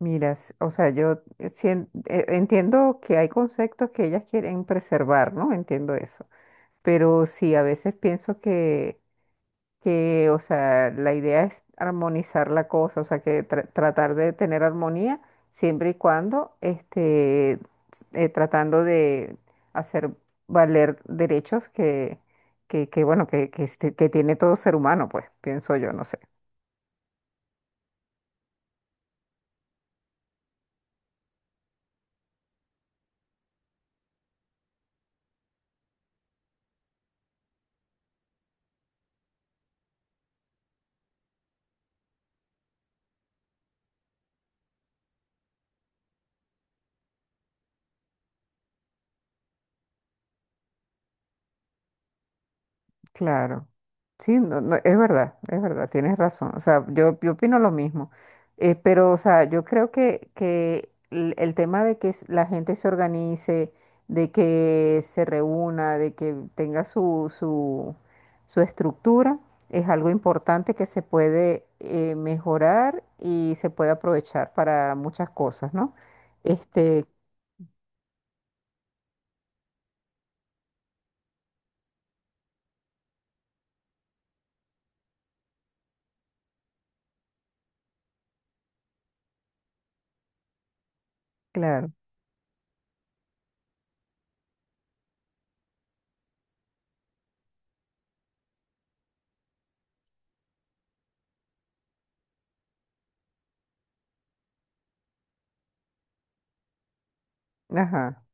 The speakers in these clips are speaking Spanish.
Mira, yo entiendo que hay conceptos que ellas quieren preservar, ¿no? Entiendo eso. Pero sí, a veces pienso que la idea es armonizar la cosa, o sea, que tratar de tener armonía siempre y cuando, tratando de hacer valer derechos que, bueno, que, este- que tiene todo ser humano, pues, pienso yo, no sé. Claro, sí, no, no, es verdad, tienes razón. O sea, yo opino lo mismo. Pero o sea, yo creo que el tema de que la gente se organice, de que se reúna, de que tenga su estructura, es algo importante que se puede mejorar y se puede aprovechar para muchas cosas, ¿no? Este, claro, ajá,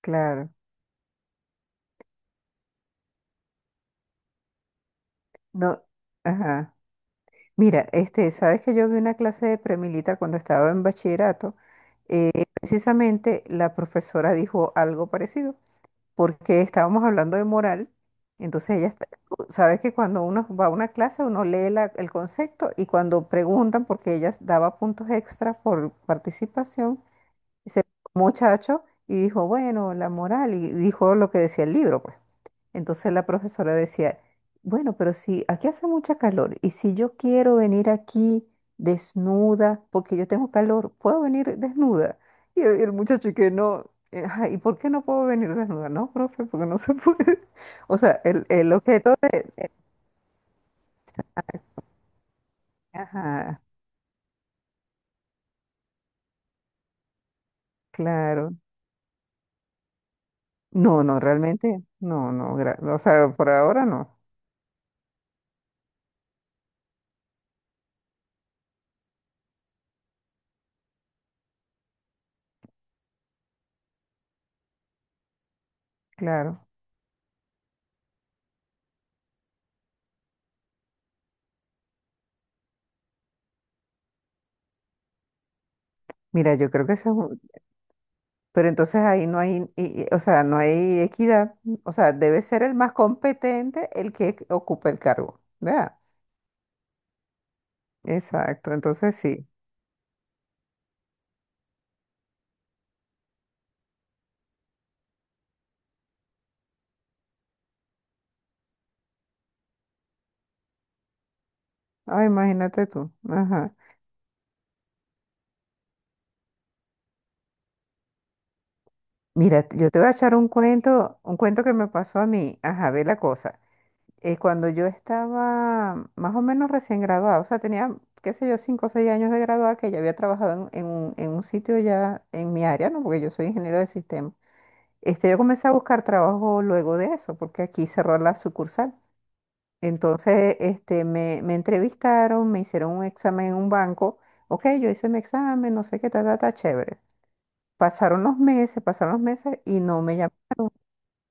claro. No, ajá. Mira, este, sabes que yo vi una clase de premilitar cuando estaba en bachillerato. Precisamente la profesora dijo algo parecido, porque estábamos hablando de moral. Entonces ella, está- sabes que cuando uno va a una clase, uno lee el concepto y cuando preguntan, porque ella daba puntos extra por participación, ese muchacho y dijo, bueno, la moral, y dijo lo que decía el libro, pues. Entonces la profesora decía, bueno, pero si aquí hace mucha calor y si yo quiero venir aquí desnuda porque yo tengo calor, ¿puedo venir desnuda? Y el muchacho y que no, "Ajá, ¿y por qué no puedo venir desnuda? No, profe, porque no se puede." O sea, el objeto de... Ajá, claro. No, no, realmente, no, no, o sea, por ahora no, claro. Mira, yo creo que eso, pero entonces ahí no hay, o sea, no hay equidad. O sea, debe ser el más competente el que ocupe el cargo. ¿Verdad? Exacto. Entonces sí. Ah, imagínate tú. Ajá. Mira, yo te voy a echar un cuento que me pasó a mí. Ajá, ve la cosa. Cuando yo estaba más o menos recién graduada, o sea, tenía, qué sé yo, cinco o seis años de graduada, que ya había trabajado en un sitio ya en mi área, ¿no? Porque yo soy ingeniero de sistemas. Este, yo comencé a buscar trabajo luego de eso, porque aquí cerró la sucursal. Entonces, este, me entrevistaron, me hicieron un examen en un banco. Ok, yo hice mi examen, no sé qué, ta, ta, ta, chévere. Pasaron los meses y no me llamaron.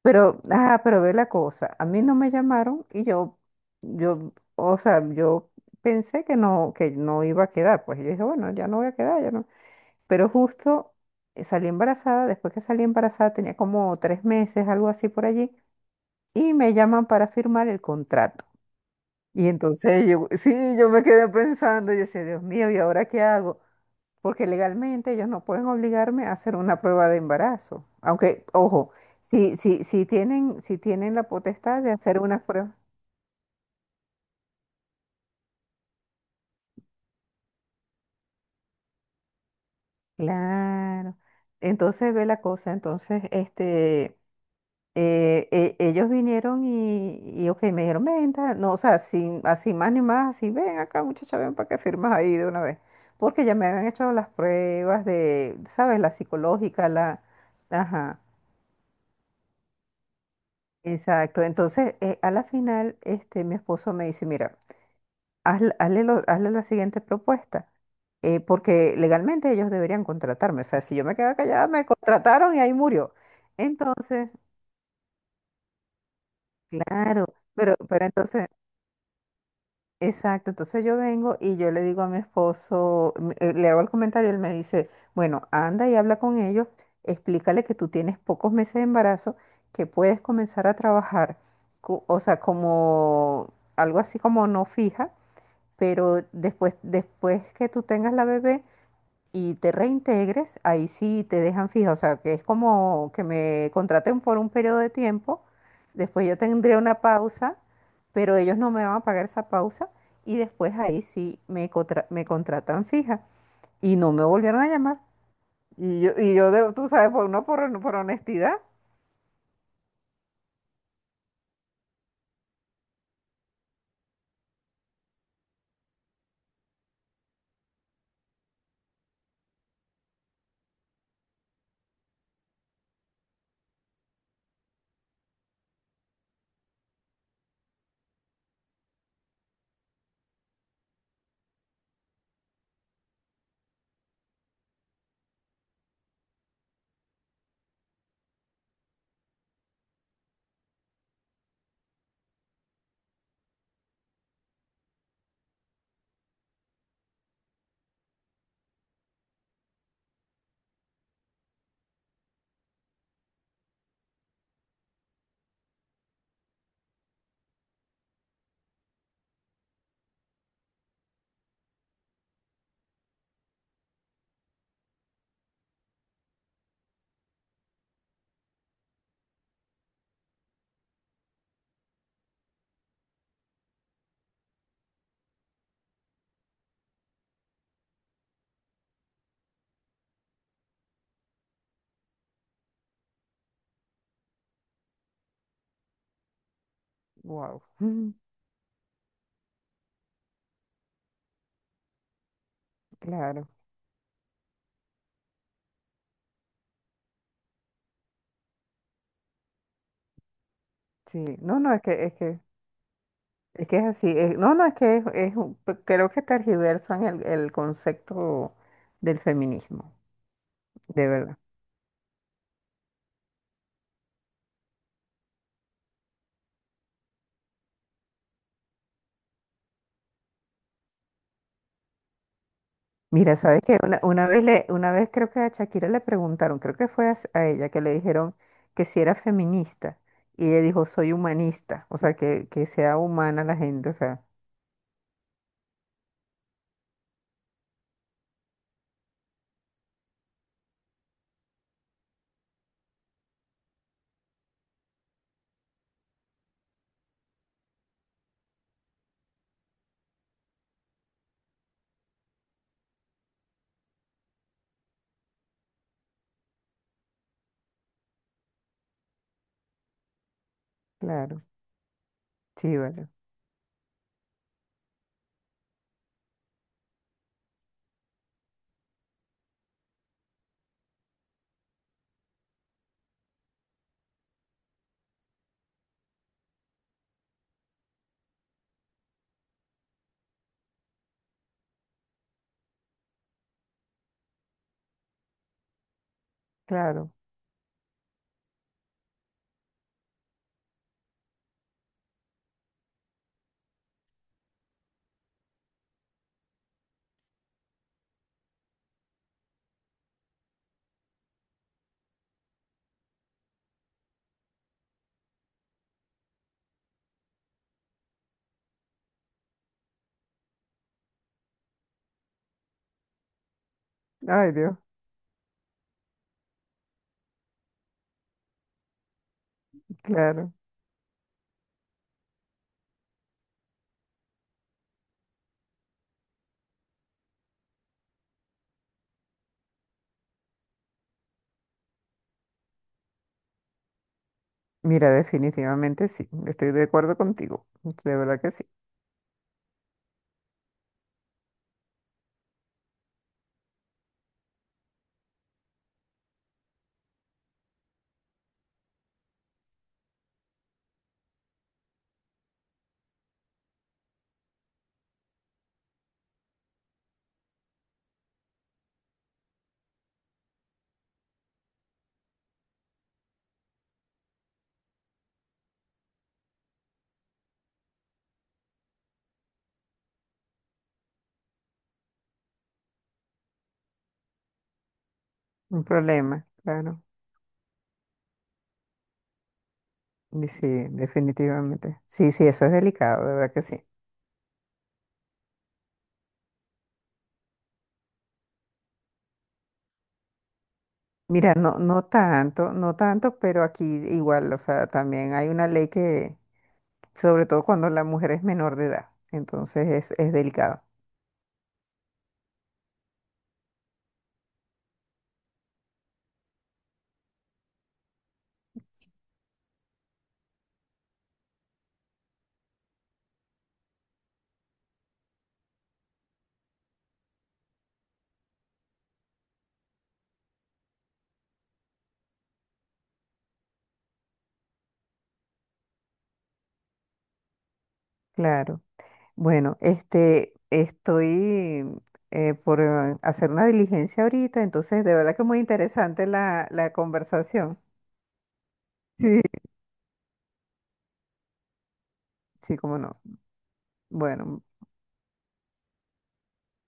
Pero, ah, pero ve la cosa, a mí no me llamaron y yo pensé que no iba a quedar. Pues yo dije, bueno, ya no voy a quedar, ya no. Pero justo salí embarazada, después que salí embarazada tenía como tres meses, algo así por allí y me llaman para firmar el contrato. Y entonces yo, sí, yo me quedé pensando y decía, Dios mío, ¿y ahora qué hago? Porque legalmente ellos no pueden obligarme a hacer una prueba de embarazo. Aunque, ojo, si tienen, si tienen la potestad de hacer una prueba. Claro. Entonces ve la cosa. Entonces, ellos vinieron y, ok, me dijeron, "ven, tal", no, o sea, sin, así más ni más, así, ven acá, muchacha, ven para que firmas ahí de una vez. Porque ya me habían hecho las pruebas de, ¿sabes? La psicológica, la... Ajá, exacto. Entonces, a la final, este, mi esposo me dice, mira, hazle la siguiente propuesta. Eh, porque legalmente ellos deberían contratarme. O sea, si yo me quedaba callada, me contrataron y ahí murió. Entonces, claro, pero entonces... Exacto, entonces yo vengo y yo le digo a mi esposo, le hago el comentario, él me dice, bueno, anda y habla con ellos, explícale que tú tienes pocos meses de embarazo, que puedes comenzar a trabajar, o sea, como algo así como no fija, pero después, después que tú tengas la bebé, y te reintegres, ahí sí te dejan fija, o sea, que es como que me contraten por un periodo de tiempo, después yo tendré una pausa, pero ellos no me van a pagar esa pausa y después ahí sí me contratan fija y no me volvieron a llamar. Y tú sabes, uno por honestidad, wow. Mm. Claro, sí, no, no, es que es así, no, no, es que es un, creo que tergiversan el concepto del feminismo. De verdad. Mira, sabes que una vez le, una vez creo que a Shakira le preguntaron, creo que fue a, a ella que le dijeron que si era feminista y ella dijo soy humanista, o sea que sea humana la gente, o sea, claro, sí, vale, claro, ay Dios, claro. Mira, definitivamente sí, estoy de acuerdo contigo, de verdad que sí, un problema, claro, y sí, definitivamente, sí, sí, eso es delicado, de verdad que sí. Mira, no, no tanto, no tanto, pero aquí igual, o sea, también hay una ley que sobre todo cuando la mujer es menor de edad. Entonces es delicado. Claro. Bueno, este, estoy por hacer una diligencia ahorita, entonces de verdad que muy interesante la conversación. Sí, sí, cómo no. Bueno,